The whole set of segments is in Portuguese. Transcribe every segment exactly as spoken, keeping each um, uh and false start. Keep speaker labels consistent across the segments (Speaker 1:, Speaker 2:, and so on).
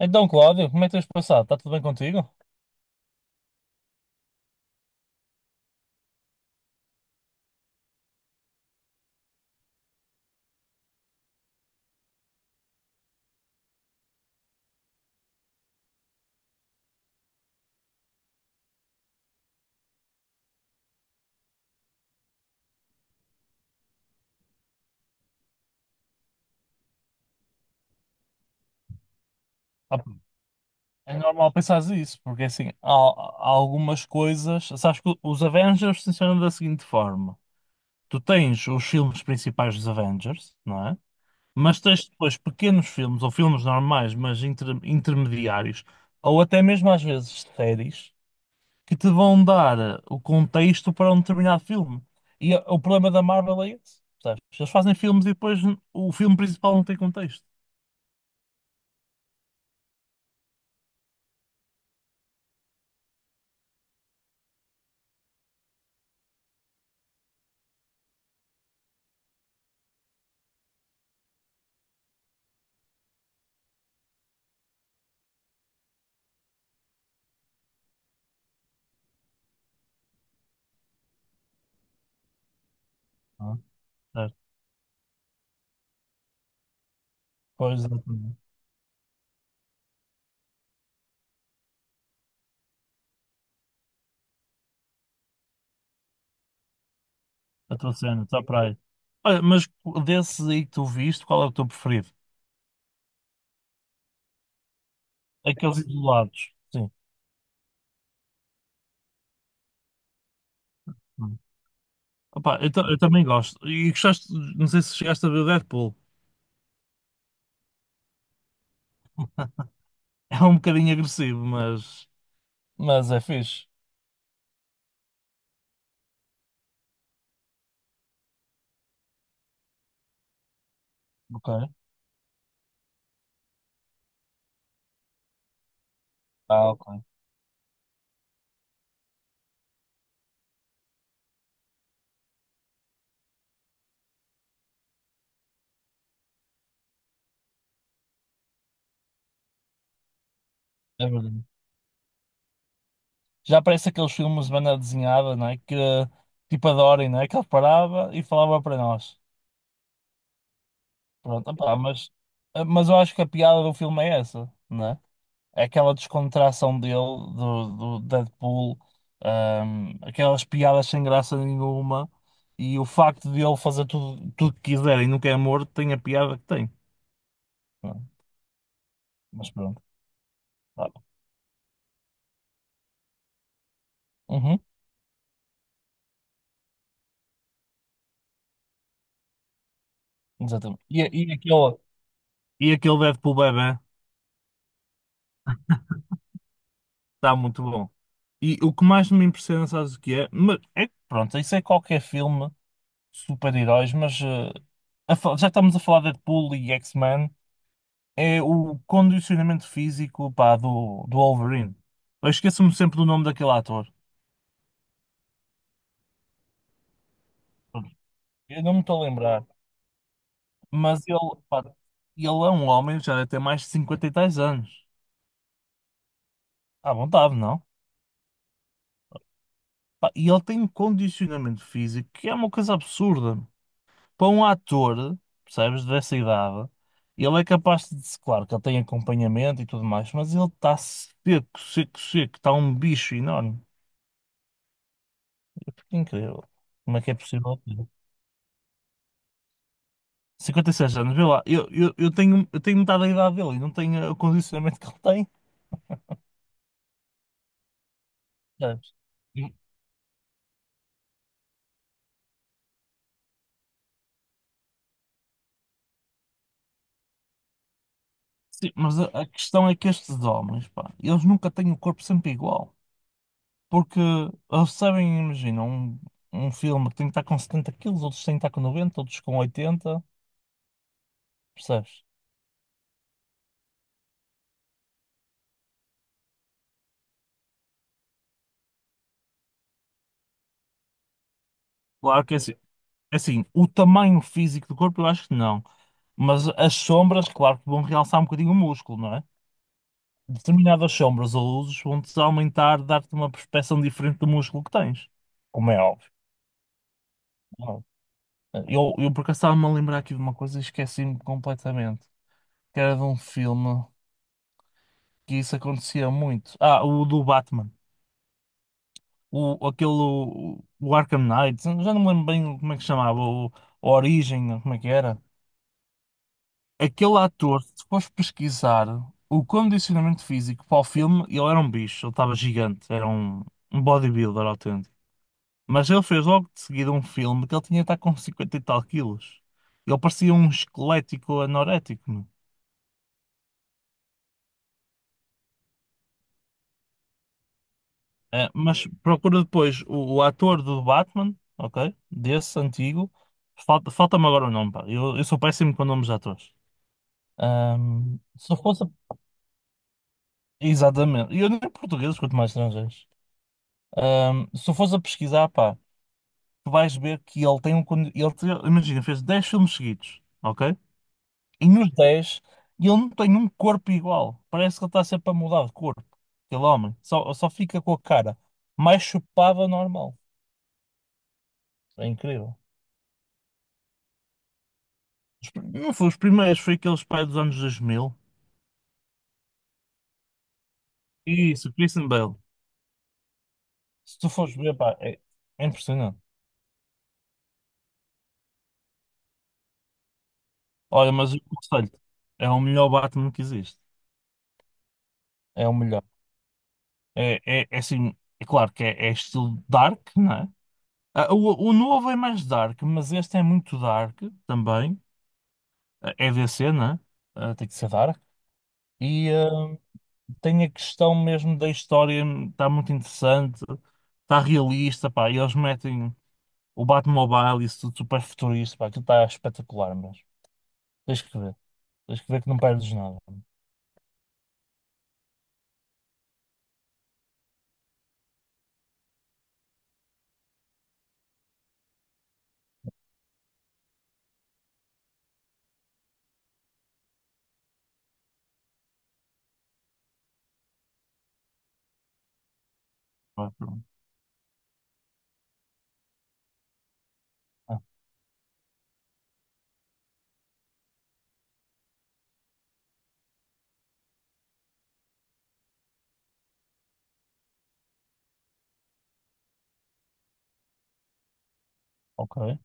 Speaker 1: Então, Cláudio, como é que tens passado? Está tudo bem contigo? Ah, pá, é normal pensares isso, porque assim, há, há algumas coisas. Sabes que os Avengers funcionam da seguinte forma: tu tens os filmes principais dos Avengers, não é? Mas tens depois pequenos filmes, ou filmes normais, mas inter- intermediários, ou até mesmo às vezes séries, que te vão dar eh, o contexto para um determinado filme. E eh, o problema da Marvel é esse, percebes? Eles fazem filmes e depois o filme principal não tem contexto. Não é? Pois, exatamente. A tua está para aí. Olha, mas desses aí que tu viste, qual é o teu preferido? Aqueles isolados. Sim. Hum. Opa, eu, ta- eu também gosto. E gostaste, não sei se chegaste a ver o Deadpool. É um bocadinho agressivo, mas, mas é fixe. Ok. Ah, ok. É verdade. Já parece aqueles filmes de banda desenhada, não é? Que tipo adorem, não é? Que ele parava e falava para nós. Pronto, opa, mas, mas eu acho que a piada do filme é essa, não é? É aquela descontração dele, do, do Deadpool, ahm, aquelas piadas sem graça nenhuma, e o facto de ele fazer tudo, tudo que quiser e nunca é morto, tem a piada que tem. Ah, mas pronto, tá. Uhum, exatamente. E, e aquele, e aquele Deadpool bebé está muito bom. E o que mais me impressiona, sabes o que é? Mas é que, pronto, isso é qualquer filme, de super-heróis, mas eh, a fa- já estamos a falar de Deadpool e X-Men. É o condicionamento físico, pá, do, do Wolverine. Eu esqueço-me sempre do nome daquele ator. Eu não me estou a lembrar. Mas ele, pá, ele é um homem, já deve ter mais de cinquenta e tais anos. À vontade, não? Pá, e ele tem um condicionamento físico que é uma coisa absurda. Para um ator, percebes, dessa idade, ele é capaz de. Claro que ele tem acompanhamento e tudo mais, mas ele está seco, seco, seco. Está um bicho enorme. Incrível. Como é que é possível? cinquenta e seis anos, vê lá, eu, eu, eu tenho, eu tenho metade da idade dele e não tenho eh, o condicionamento que ele tem, sabes? E- Sim, mas a, a questão é que estes homens, pá, eles nunca têm o corpo sempre igual. Porque eles sabem, imagina, um, um filme que tem que estar com setenta quilos, outros têm que estar com noventa outros com oitenta percebes? Claro que é assim, é assim, o tamanho físico do corpo eu acho que não. Mas as sombras, claro que vão realçar um bocadinho o músculo, não é? Determinadas sombras ou luzes vão-te aumentar, dar-te uma perspeção diferente do músculo que tens, como é óbvio. Não é? Eu, eu por acaso estava-me a lembrar aqui de uma coisa e esqueci-me completamente, que era de um filme que isso acontecia muito. Ah, o do Batman. O, aquele, o, o Arkham Knight, já não me lembro bem como é que se chamava, o, a Origem, como é que era. Aquele ator, se fores pesquisar o condicionamento físico para o filme, ele era um bicho, ele estava gigante, era um, um bodybuilder autêntico. Mas ele fez logo de seguida um filme que ele tinha de estar com cinquenta e tal quilos. Ele parecia um esquelético anorético, meu. É, mas procura depois o, o ator do Batman, ok? Desse antigo. Falta, falta-me agora o nome, pá. Eu, eu sou péssimo com nomes de atores. Ahm, se eu fosse. a- Exatamente. E eu nem português, quanto mais estrangeiros. Ahm, se eu fosse a pesquisar, pá, tu vais ver que ele tem um. condi- Ele, te- imagina, fez dez filmes seguidos, ok? E nos dez, ele não tem um corpo igual. Parece que ele está sempre a mudar de corpo. Aquele homem. Só, só fica com a cara mais chupada normal. É incrível. Os pr- Não foi os primeiros, foi aqueles pais dos anos dois mil. Isso, o Christian Bale. Se tu fores ver, pá, é, é impressionante. Olha, mas eu aconselho-te. É o melhor Batman que existe. É o melhor. É, é, é assim, é claro que é, é estilo dark, não é? Ah, O, o novo é mais dark, mas este é muito dark também. É D C, né? Eh, tem que ser Dark. E eh, tem a questão mesmo da história, está muito interessante, está realista, pá. E eles metem o Batmobile, e isso tudo super futurista, pá. Aquilo está espetacular mesmo. Tens que ver. Tens que ver que não perdes nada. Ah, pronto. Ah, ok.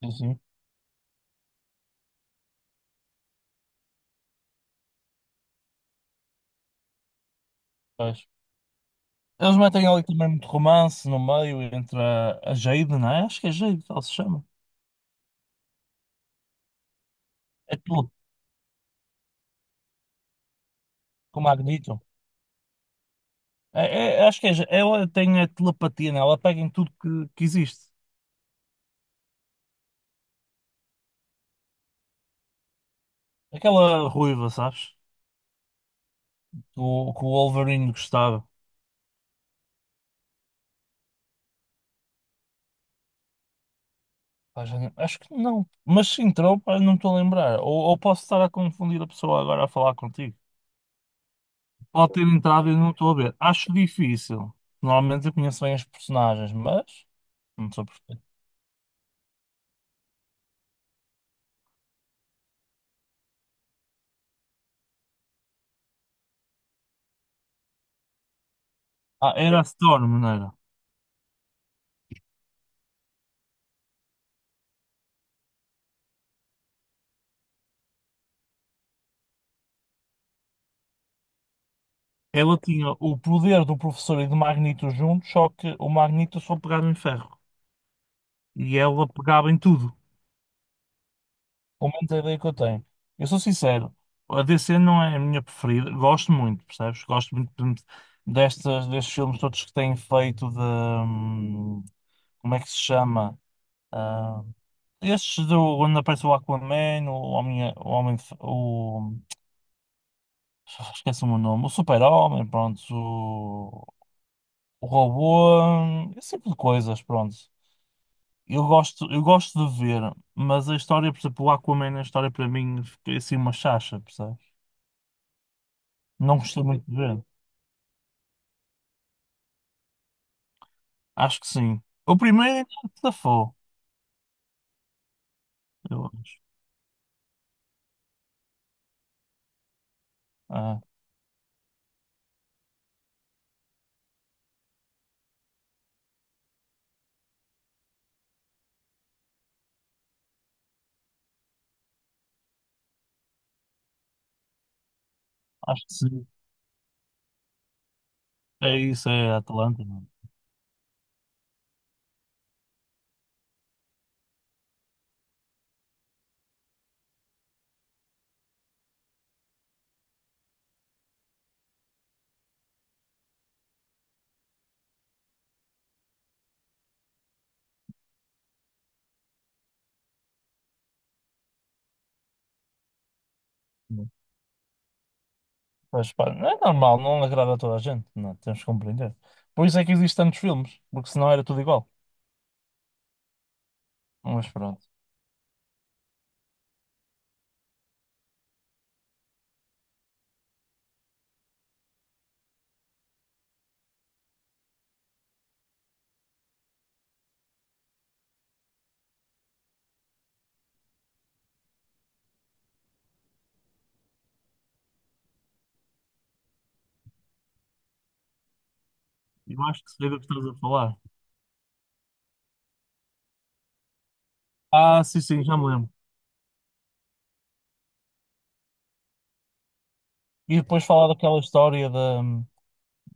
Speaker 1: Sim, sim. Pois. Eles metem ali também muito romance no meio entre a, a Jade, não é? Acho que é Jade, que ela se chama. É tudo, com o Magneto. É, é- acho que é, Ja- ela tem a telepatia, né? Ela pega em tudo que, que existe. Aquela ruiva, sabes? Que o, que o Wolverine gostava. Pá, já não- acho que não. Mas se entrou, pá, não estou a lembrar. Ou, ou posso estar a confundir a pessoa agora a falar contigo. Pode ter entrado e não estou a ver. Acho difícil. Normalmente eu conheço bem as personagens, mas não sou perfeito. Ah, era a Storm, não era? Ela tinha o poder do professor e do Magneto juntos, só que o Magneto só pegava em ferro. E ela pegava em tudo. Aumenta a ideia que eu tenho. Eu sou sincero, a D C não é a minha preferida. Gosto muito, percebes? Gosto muito de- destas, destes filmes todos que têm feito de. Hum, Como é que se chama? Ah, estes do, onde aparece o Aquaman, o Homem, o Homem, de Fe- o, esquece-me o nome, o Super-Homem, pronto, o, o Robô, esse tipo de coisas, pronto. Eu gosto, eu gosto de ver, mas a história, por exemplo, o Aquaman, a história para mim, fica assim uma chacha, percebes? Não gostei muito de ver. Acho que sim. O primeiro é que safou, eu acho. Ah, acho que sim. É isso, é Atlanta. Não. Não. Mas, pá, não é normal, não agrada a toda a gente. Não, é? Temos que compreender. Por isso é que existem tantos filmes, porque senão era tudo igual. Mas pronto. Eu acho que sei do que estás a falar. Ah, sim, sim, já me lembro. E depois falar daquela história da,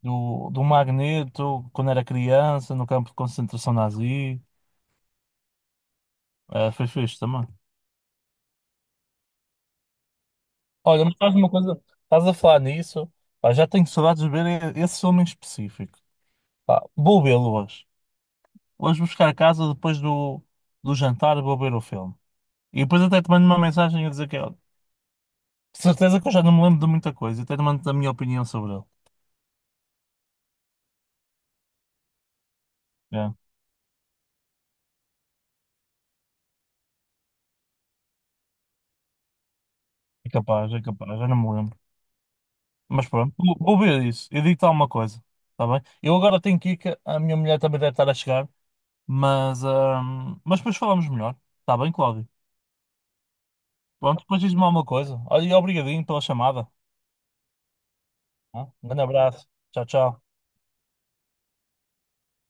Speaker 1: do, do Magneto, quando era criança, no campo de concentração nazi. Ah, foi fixe também. Olha, mas estás uma coisa, estás a falar nisso, pá, já tenho saudades de ver e- esse filme em específico. Pá, vou vê-lo hoje. Hoje vou buscar a casa depois do, do jantar, vou ver o filme. E depois até te mando uma mensagem a dizer que, olha, de certeza que eu já não me lembro de muita coisa, até te mando a minha opinião sobre ele. É, é capaz, é capaz, já não me lembro. Mas pronto, vou, vou ver isso, eu digo-te alguma coisa, está bem? Eu agora tenho que ir, que a minha mulher também deve estar a chegar, mas, ahm, mas depois falamos melhor, está bem, Cláudio? Pronto, depois diz-me alguma coisa. Olha, e obrigadinho pela chamada. Tá? Um grande abraço. Tchau, tchau.